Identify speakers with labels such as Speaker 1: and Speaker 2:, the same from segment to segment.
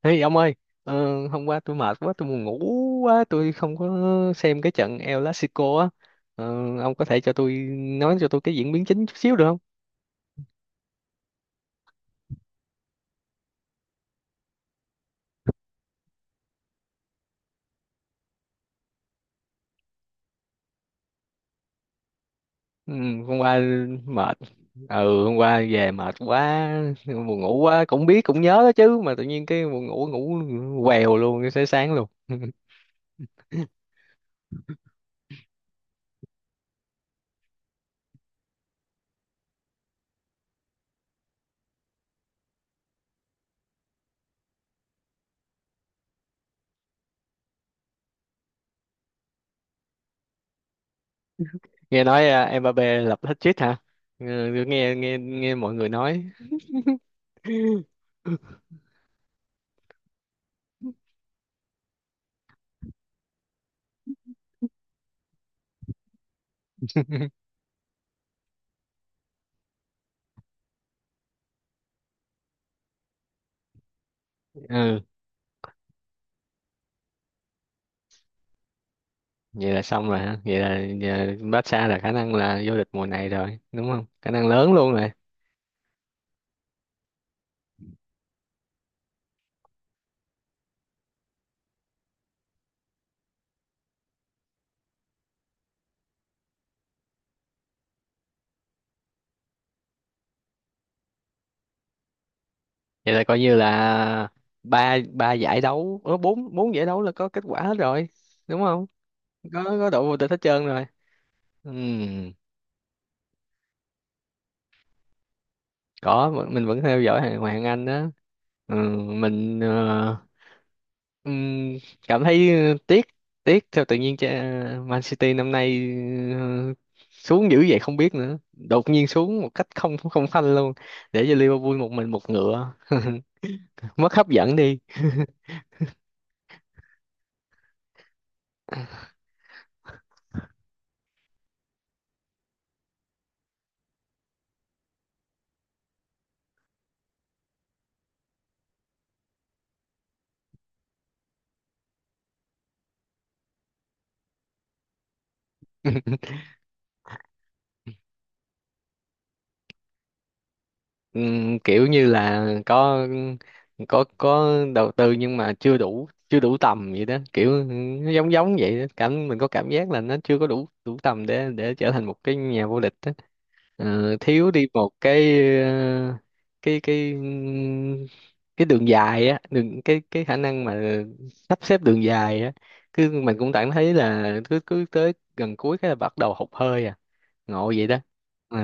Speaker 1: Ê ông ơi, hôm qua tôi mệt quá, tôi buồn ngủ quá, tôi không có xem cái trận El Clasico á. Ờ, ông có thể cho tôi cái diễn biến chính chút xíu được không? Ừ, hôm qua mệt. Ừ, hôm qua về mệt quá, buồn ngủ quá, cũng biết cũng nhớ đó chứ mà tự nhiên cái buồn ngủ ngủ quèo luôn, cái sáng sáng luôn. Nghe nói à, Mbappé lập hat-trick hả. Ừ, nghe nghe nghe mọi người nói. Ừ, vậy là xong rồi hả? Vậy là Barca là khả năng là vô địch mùa này rồi đúng không, khả năng lớn luôn rồi. Vậy là coi như là ba ba giải đấu bốn bốn giải đấu là có kết quả hết rồi đúng không? Có đội vô địch hết trơn rồi. Ừ, mình vẫn theo dõi hàng Hoàng Anh đó. Ừ, mình ừm, cảm thấy tiếc tiếc theo tự nhiên cho Man City năm nay ờ, xuống dữ vậy không biết nữa, đột nhiên xuống một cách không không phanh luôn, để cho Liverpool một mình một ngựa. Mất hấp dẫn đi. Kiểu như là có đầu tư nhưng mà chưa đủ tầm vậy đó, kiểu nó giống giống vậy đó. Cảm mình có cảm giác là nó chưa có đủ đủ tầm để trở thành một cái nhà vô địch đó. Thiếu đi một cái cái cái đường dài á, đường cái khả năng mà sắp xếp đường dài á. Cứ mình cũng cảm thấy là cứ cứ tới gần cuối cái là bắt đầu hụt hơi à. Ngộ vậy đó. Ừ,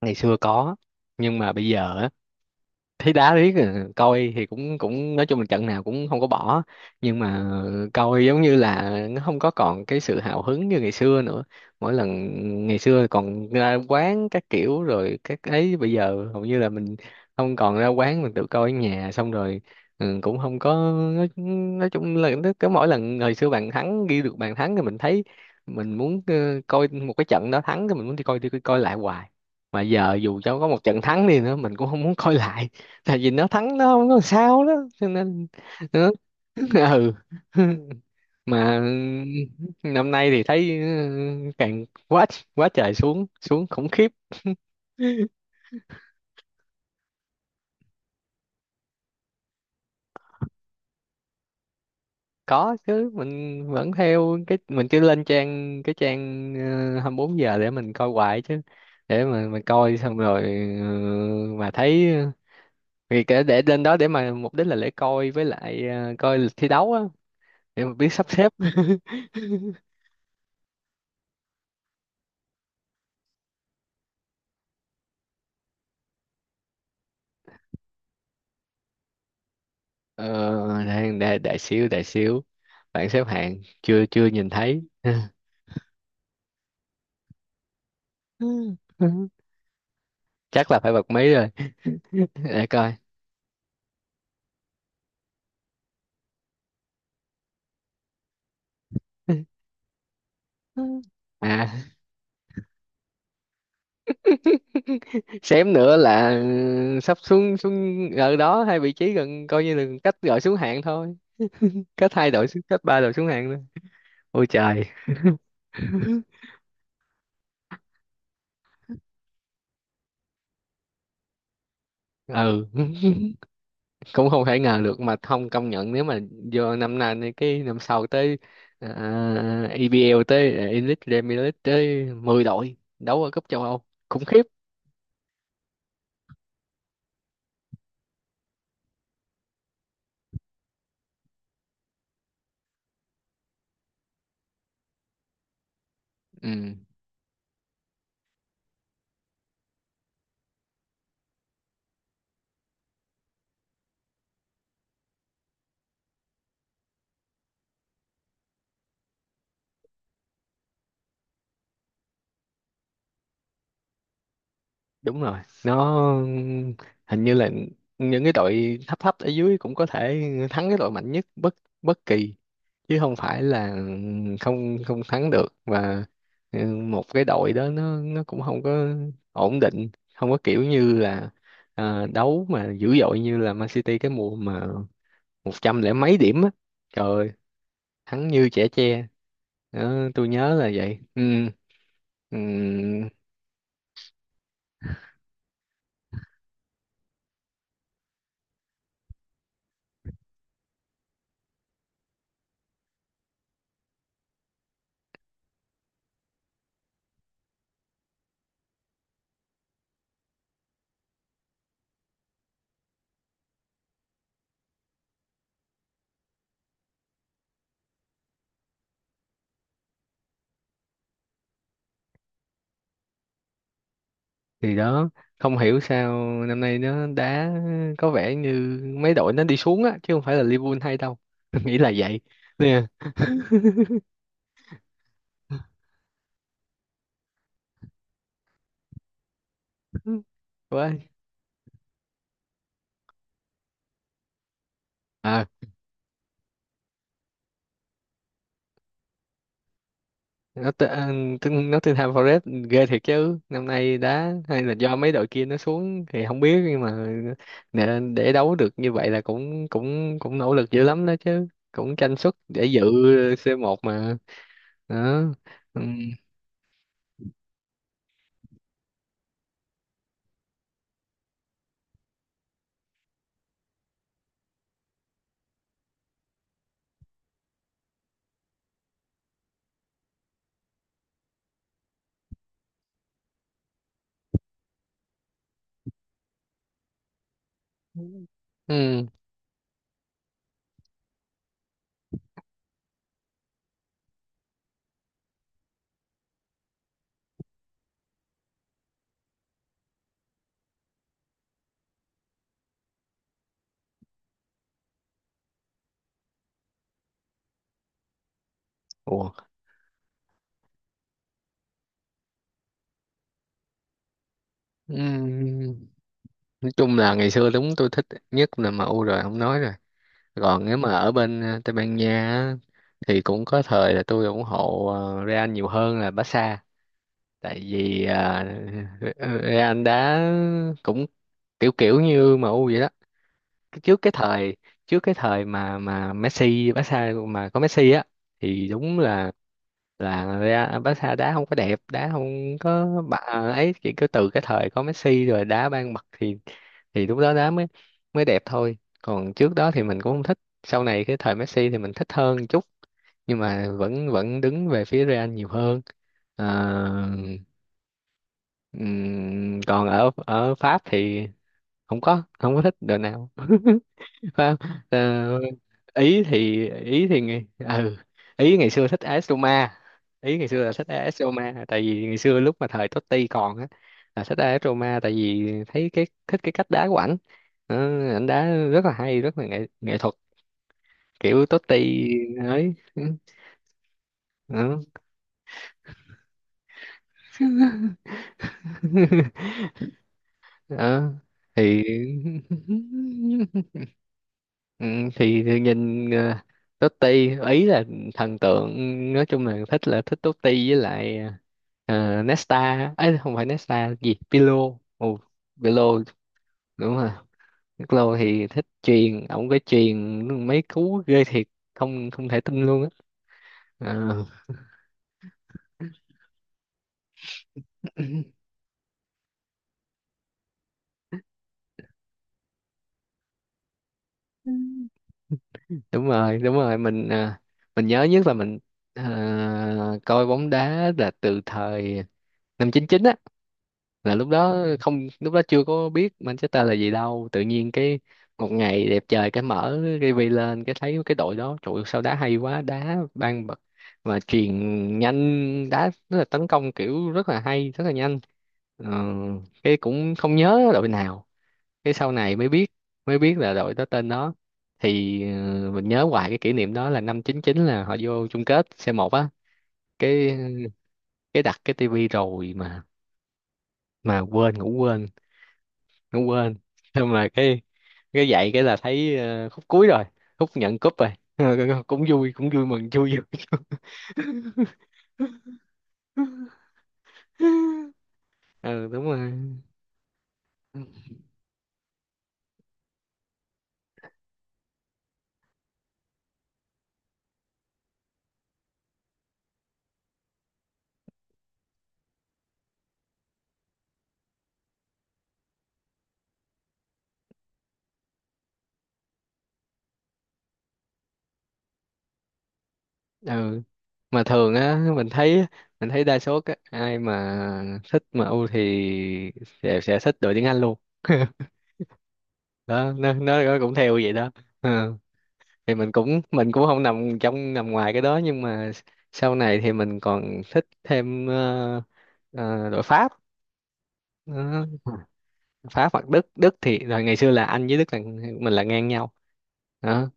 Speaker 1: ngày xưa có nhưng mà bây giờ á, thấy đá riết à, coi thì cũng cũng nói chung là trận nào cũng không có bỏ. Nhưng mà coi giống như là nó không có còn cái sự hào hứng như ngày xưa nữa. Mỗi lần ngày xưa còn ra quán các kiểu rồi các ấy, bây giờ hầu như là mình không còn ra quán, mình tự coi ở nhà xong rồi. Ừ, cũng không có nói, nói chung là nó cứ mỗi lần hồi xưa bạn thắng ghi được bàn thắng thì mình thấy mình muốn coi một cái trận đó thắng, thì mình muốn đi coi lại hoài. Mà giờ dù cho có một trận thắng đi nữa mình cũng không muốn coi lại, tại vì nó thắng nó không có sao đó, cho nên nó. Ừ. Mà năm nay thì thấy ừ, càng quá, quá trời, xuống xuống khủng khiếp. Có chứ, mình vẫn theo, cái mình cứ lên trang, cái trang 24 giờ để mình coi hoài chứ. Để mà mình coi xong rồi ờ, mà thấy vì cái để lên đó để mà mục đích là để coi với lại coi thi đấu á, để mà biết sắp xếp. Ờ, đang đại xíu đại xíu, bảng xếp hạng chưa chưa nhìn thấy. Chắc là phải bật mí rồi. Để coi à. Xém nữa là ừ, sắp xuống xuống ở đó hai vị trí, gần coi như là cách gọi xuống hạng thôi. Cách hai đội xuống, cách ba đội xuống hạng thôi. Ôi trời. Ừ, cũng không thể ngờ được mà không công nhận, nếu mà vô năm nay này, cái năm sau tới à, EPL tới à, Elite Premier League tới 10 đội đấu ở cúp châu Âu. Khủng khiếp. Ừ. Đúng rồi, nó hình như là những cái đội thấp thấp ở dưới cũng có thể thắng cái đội mạnh nhất bất bất kỳ, chứ không phải là không không thắng được. Và ừ, một cái đội đó nó cũng không có ổn định, không có kiểu như là à, đấu mà dữ dội như là Man City cái mùa mà 100 lẻ mấy điểm á. Trời ơi, thắng như chẻ tre đó, tôi nhớ là vậy. Ừ, ừ, thì đó không hiểu sao năm nay nó đá có vẻ như mấy đội nó đi xuống á, chứ không phải là Liverpool hay đâu. Nghĩ là vậy nè. Quá. À, nó tên nó tên Nottingham Forest ghê thiệt chứ, năm nay đá hay là do mấy đội kia nó xuống thì không biết, nhưng mà nè, để đấu được như vậy là cũng cũng cũng nỗ lực dữ lắm đó chứ, cũng tranh suất để dự C1 mà. Đó. Ừ. Ừ. Ủa. Ừ, nói chung là ngày xưa đúng tôi thích nhất là em u rồi không nói rồi. Còn nếu mà ở bên Tây Ban Nha á, thì cũng có thời là tôi ủng hộ Real nhiều hơn là Barca, tại vì Real đá cũng kiểu kiểu như em u vậy đó. Cái- trước cái thời trước cái thời mà Messi, Barca mà có Messi á, thì đúng là ra Barca đá không có đẹp, đá không có bà ấy. Chỉ cứ từ cái thời có Messi rồi đá ban bật thì lúc đó đá mới mới đẹp thôi, còn trước đó thì mình cũng không thích, sau này cái thời Messi thì mình thích hơn một chút. Nhưng mà vẫn vẫn đứng về phía Real nhiều hơn. Ờ, còn ở ở Pháp thì không có thích đội nào. Phải không? Ờ, ý thì ngày ừ, ý ngày xưa thích AS Roma. Ý ngày xưa là thích AS Roma, tại vì ngày xưa lúc mà thời Totti còn á, là thích AS Roma tại vì thấy cái, thích cái cách đá của ảnh. Ờ, ảnh đá rất là hay, rất là nghệ nghệ thuật kiểu Totti ấy. Ừ. Ờ. Ờ. Thì. Ừ, thì nhìn Totti ý là thần tượng. Nói chung là thích Totti với lại Nesta ấy. Không phải Nesta gì, Pirlo. Ồ, Pirlo. Đúng rồi, Pirlo thì thích chuyền, ổng cái chuyền mấy cú ghê thiệt, không không thể tin luôn á. Ờ. Ừ. Đúng rồi, đúng rồi, mình mình nhớ nhất là mình coi bóng đá là từ thời năm 99 á, là lúc đó không lúc đó chưa có biết Manchester là gì đâu. Tự nhiên cái một ngày đẹp trời, cái mở tivi lên, cái thấy cái đội đó trời ơi, sao đá hay quá, đá ban bật mà truyền nhanh, đá rất là tấn công kiểu, rất là hay, rất là nhanh. Ờ, cái cũng không nhớ đội nào. Cái sau này mới biết là đội đó tên đó. Thì mình nhớ hoài cái kỷ niệm đó là năm 99 là họ vô chung kết c một á. cái cái đặt cái tivi rồi mà quên ngủ, quên không quên. Nhưng mà cái dạy cái là thấy khúc cuối rồi, khúc nhận cúp rồi. Cũng vui, cũng vui mừng, vui vui. Ừ, đúng rồi. Ừ, mà thường á, mình thấy đa số các ai mà thích MU thì sẽ thích đội tuyển Anh luôn. Đó nó, nó cũng theo vậy đó. Ừ. Thì mình cũng không nằm trong nằm ngoài cái đó, nhưng mà sau này thì mình còn thích thêm đội Pháp. Đó. Pháp hoặc Đức Đức thì rồi ngày xưa là Anh với Đức là mình là ngang nhau đó.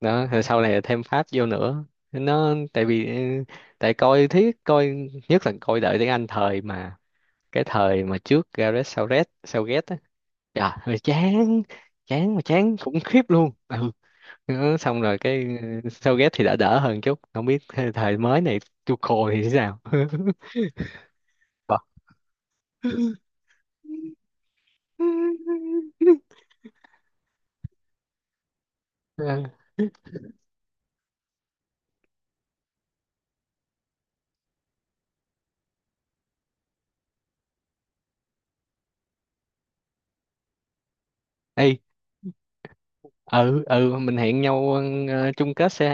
Speaker 1: Đó, rồi sau này là thêm Pháp vô nữa. Nó tại vì ừ, tại coi thiết coi nhất là coi đợi tiếng Anh thời mà cái thời mà trước Gareth Southgate Southgate á, trời ơi, chán, chán mà chán khủng khiếp luôn ừ. Đó, xong rồi cái ừ, Southgate thì đã đỡ hơn chút, không biết thời thời mới này Tuchel thì thế nào. Vâng. Ê, ừ ừ mình hẹn nhau chung kết xe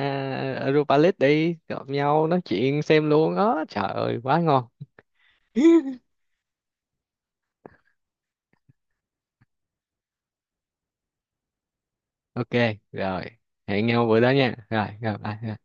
Speaker 1: Europa League đi gặp nhau nói chuyện xem luôn đó, trời ơi quá ngon. Ok, rồi hẹn nhau bữa đó nha, rồi rồi bye.